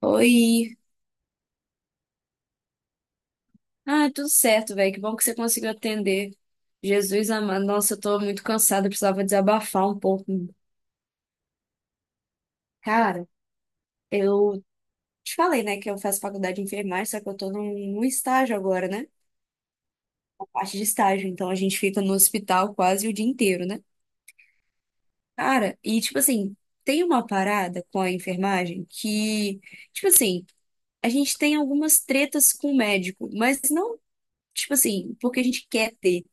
Oi. Ah, tudo certo, velho. Que bom que você conseguiu atender. Jesus amado. Nossa, eu tô muito cansada, eu precisava desabafar um pouco. Cara, eu te falei, né, que eu faço faculdade de enfermagem, só que eu tô num estágio agora, né? A parte de estágio. Então a gente fica no hospital quase o dia inteiro, né? Cara, e tipo assim, tem uma parada com a enfermagem que, tipo assim, a gente tem algumas tretas com o médico, mas não, tipo assim, porque a gente quer ter.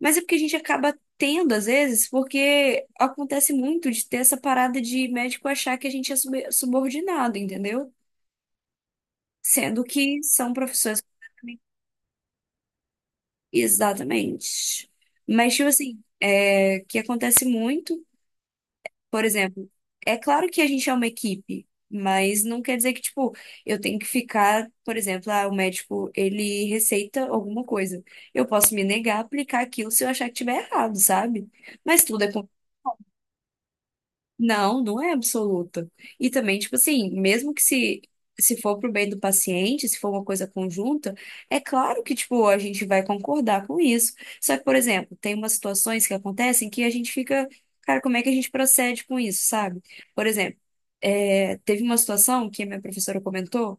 Mas é porque a gente acaba tendo, às vezes, porque acontece muito de ter essa parada de médico achar que a gente é subordinado, entendeu? Sendo que são profissões completamente... Exatamente. Mas, tipo assim, é, que acontece muito, por exemplo, é claro que a gente é uma equipe, mas não quer dizer que, tipo, eu tenho que ficar, por exemplo, ah, o médico, ele receita alguma coisa. Eu posso me negar a aplicar aquilo se eu achar que tiver errado, sabe? Mas tudo é... Não, não é absoluta. E também, tipo assim, mesmo que se for pro bem do paciente, se for uma coisa conjunta, é claro que, tipo, a gente vai concordar com isso. Só que, por exemplo, tem umas situações que acontecem que a gente fica, cara, como é que a gente procede com isso, sabe? Por exemplo, é, teve uma situação que a minha professora comentou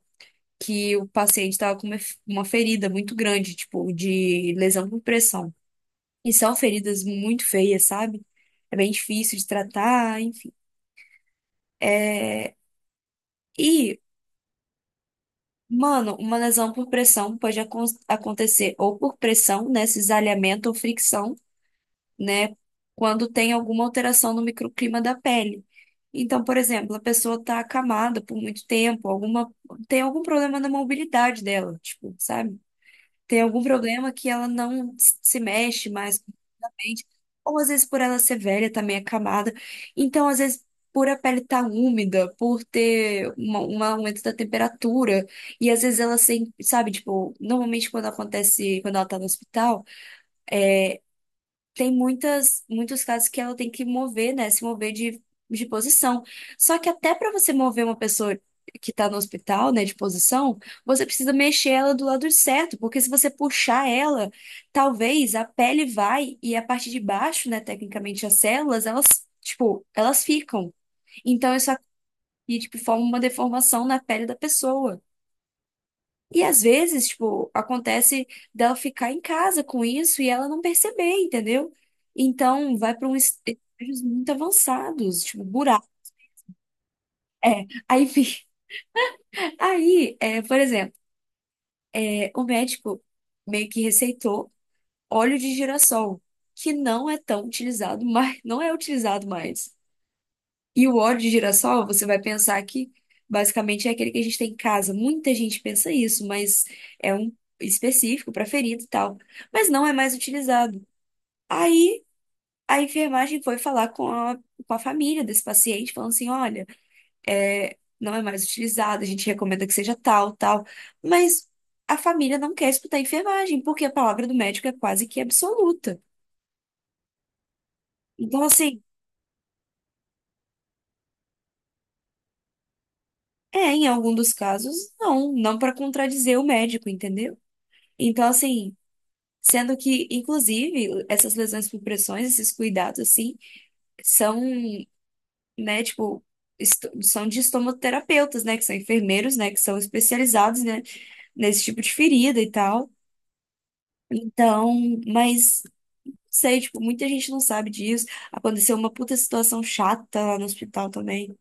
que o paciente estava com uma ferida muito grande, tipo, de lesão por pressão. E são feridas muito feias, sabe? É bem difícil de tratar, enfim. Mano, uma lesão por pressão pode acontecer ou por pressão, né, cisalhamento ou fricção, né, quando tem alguma alteração no microclima da pele. Então, por exemplo, a pessoa está acamada por muito tempo, alguma tem algum problema na mobilidade dela, tipo, sabe? Tem algum problema que ela não se mexe mais completamente, ou às vezes por ela ser velha, tá meio acamada. Então, às vezes, por a pele estar úmida, por ter um aumento da temperatura, e às vezes ela sem, sabe, tipo, normalmente quando acontece, quando ela tá no hospital tem muitos casos que ela tem que mover, né? Se mover de posição. Só que até para você mover uma pessoa que tá no hospital, né, de posição, você precisa mexer ela do lado certo, porque se você puxar ela, talvez a pele vai e a parte de baixo, né, tecnicamente as células, elas, tipo, elas ficam. Então isso aqui, tipo, forma uma deformação na pele da pessoa. E às vezes, tipo, acontece dela ficar em casa com isso e ela não perceber, entendeu? Então, vai para uns estágios muito avançados, tipo, buraco. É, aí, fi-... Aí, é, por exemplo, é, o médico meio que receitou óleo de girassol, que não é tão utilizado mais, não é utilizado mais. E o óleo de girassol, você vai pensar que basicamente é aquele que a gente tem em casa. Muita gente pensa isso, mas é um específico para ferido e tal. Mas não é mais utilizado. Aí a enfermagem foi falar com a família desse paciente, falando assim: olha, é, não é mais utilizado, a gente recomenda que seja tal, tal. Mas a família não quer escutar a enfermagem, porque a palavra do médico é quase que absoluta. Então, assim, é, em algum dos casos, não, não para contradizer o médico, entendeu? Então, assim. Sendo que, inclusive, essas lesões por pressões, esses cuidados, assim, são, né, tipo, são de estomoterapeutas, né, que são enfermeiros, né, que são especializados, né, nesse tipo de ferida e tal. Então, mas, sei, tipo, muita gente não sabe disso. Aconteceu uma puta situação chata lá no hospital também.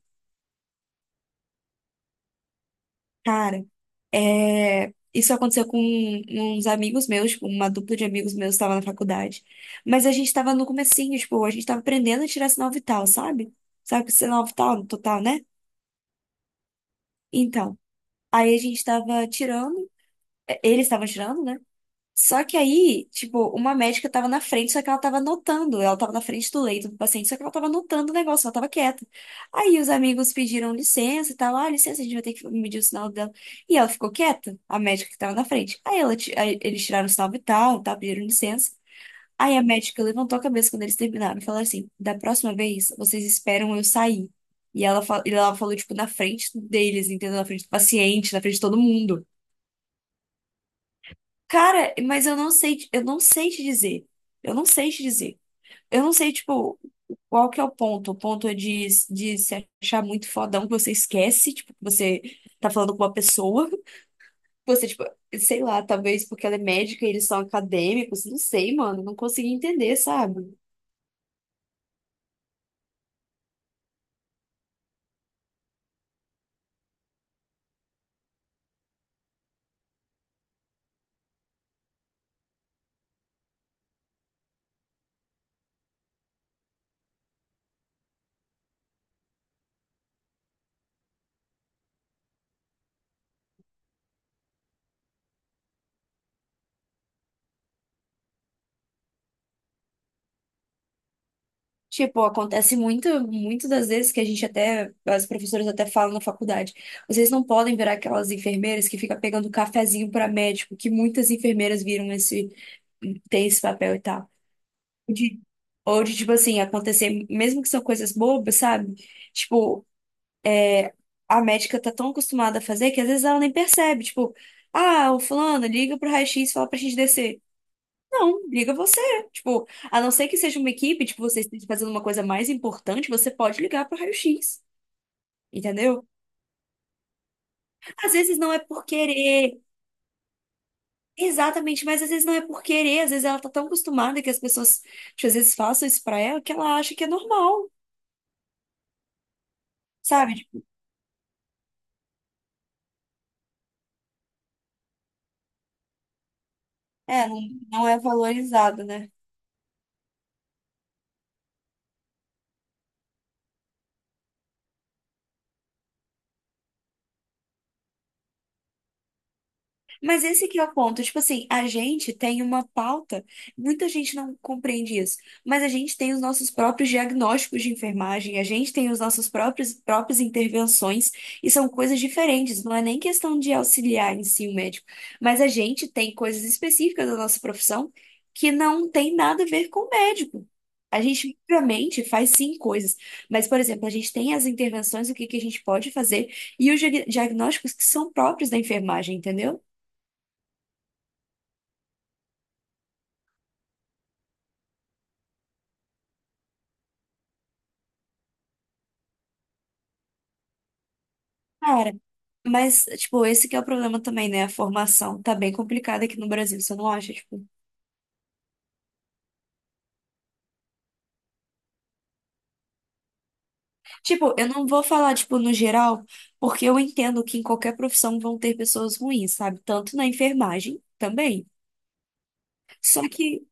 Cara, é, isso aconteceu com uns amigos meus, tipo, uma dupla de amigos meus estava na faculdade. Mas a gente tava no comecinho, tipo, a gente tava aprendendo a tirar sinal vital, sabe? Sabe o que é sinal vital no total, né? Então, aí a gente tava tirando, é, eles estavam tirando, né? Só que aí, tipo, uma médica tava na frente, só que ela tava anotando. Ela tava na frente do leito do paciente, só que ela tava anotando o negócio, ela tava quieta. Aí os amigos pediram licença e tal. Ah, licença, a gente vai ter que medir o sinal dela. E ela ficou quieta, a médica que tava na frente. Aí eles tiraram o sinal vital e tal, pediram licença. Aí a médica levantou a cabeça quando eles terminaram e falou assim: da próxima vez, vocês esperam eu sair. E ela falou, tipo, na frente deles, entendeu? Na frente do paciente, na frente de todo mundo. Cara, mas eu não sei, eu não sei te dizer. Eu não sei te dizer. Eu não sei, tipo, qual que é o ponto. O ponto é de se achar muito fodão que você esquece, tipo, que você tá falando com uma pessoa. Você, tipo, sei lá, talvez porque ela é médica e eles são acadêmicos. Não sei, mano. Não consegui entender, sabe? Tipo, acontece muito, muito das vezes que a gente até, as professoras até falam na faculdade. Vocês não podem virar aquelas enfermeiras que fica pegando um cafezinho pra médico, que muitas enfermeiras viram esse, tem esse papel e tal. De, ou de, tipo assim, acontecer, mesmo que são coisas bobas, sabe? Tipo, a médica tá tão acostumada a fazer que às vezes ela nem percebe. Tipo, ah, o fulano, liga pro raio-x e fala pra gente descer. Não, liga você. Tipo, a não ser que seja uma equipe, tipo, vocês estão fazendo uma coisa mais importante, você pode ligar pro raio-x. Entendeu? Às vezes não é por querer. Exatamente, mas às vezes não é por querer. Às vezes ela tá tão acostumada que as pessoas, tipo, às vezes façam isso pra ela que ela acha que é normal. Sabe? É, não, não é valorizado, né? Mas esse que é o ponto. Tipo assim, a gente tem uma pauta, muita gente não compreende isso, mas a gente tem os nossos próprios diagnósticos de enfermagem, a gente tem os nossos próprios próprias intervenções, e são coisas diferentes, não é nem questão de auxiliar em si o médico, mas a gente tem coisas específicas da nossa profissão que não tem nada a ver com o médico. A gente, obviamente, faz sim coisas, mas, por exemplo, a gente tem as intervenções, o que que a gente pode fazer, e os diagnósticos que são próprios da enfermagem, entendeu? Cara, mas, tipo, esse que é o problema também, né? A formação tá bem complicada aqui no Brasil, você não acha? Tipo, eu não vou falar, tipo, no geral, porque eu entendo que em qualquer profissão vão ter pessoas ruins, sabe? Tanto na enfermagem também. Só que,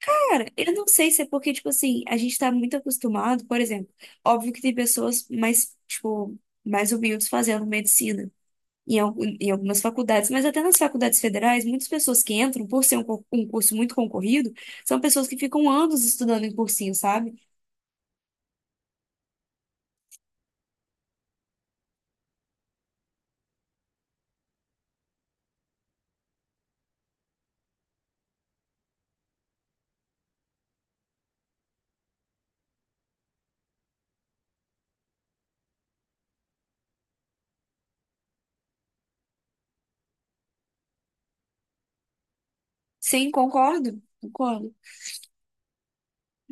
cara, eu não sei se é porque, tipo assim, a gente tá muito acostumado, por exemplo, óbvio que tem pessoas mais, tipo, mais humildes fazendo medicina. Em algumas faculdades, mas até nas faculdades federais, muitas pessoas que entram, por ser um curso muito concorrido, são pessoas que ficam anos estudando em cursinho, sabe? Sim, concordo, concordo.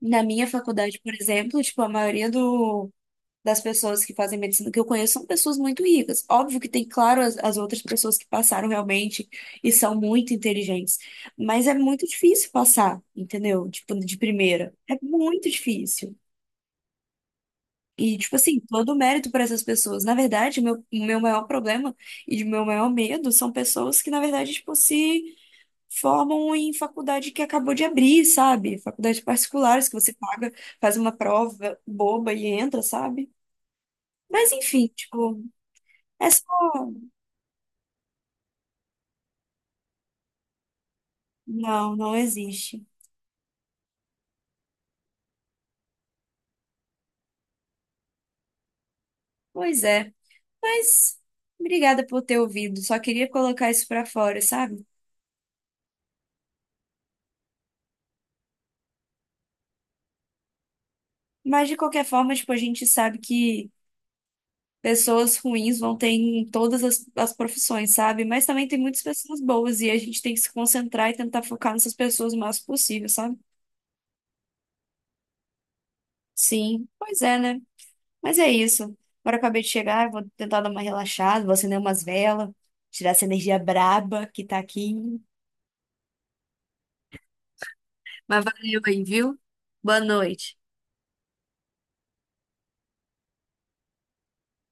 Na minha faculdade, por exemplo, tipo, a maioria das pessoas que fazem medicina que eu conheço são pessoas muito ricas. Óbvio que tem, claro, as outras pessoas que passaram realmente e são muito inteligentes, mas é muito difícil passar, entendeu? Tipo, de primeira. É muito difícil. E, tipo assim, todo o mérito para essas pessoas. Na verdade, meu, o meu maior problema e de meu maior medo são pessoas que, na verdade, tipo, se formam em faculdade que acabou de abrir, sabe? Faculdades particulares que você paga, faz uma prova boba e entra, sabe? Mas, enfim, tipo, é só... Não, não existe. Pois é. Mas obrigada por ter ouvido. Só queria colocar isso pra fora, sabe? Mas, de qualquer forma, tipo, a gente sabe que pessoas ruins vão ter em todas as profissões, sabe? Mas também tem muitas pessoas boas e a gente tem que se concentrar e tentar focar nessas pessoas o máximo possível, sabe? Sim, pois é, né? Mas é isso. Agora eu acabei de chegar, eu vou tentar dar uma relaxada, vou acender umas velas, tirar essa energia braba que tá aqui. Mas valeu aí, viu? Boa noite.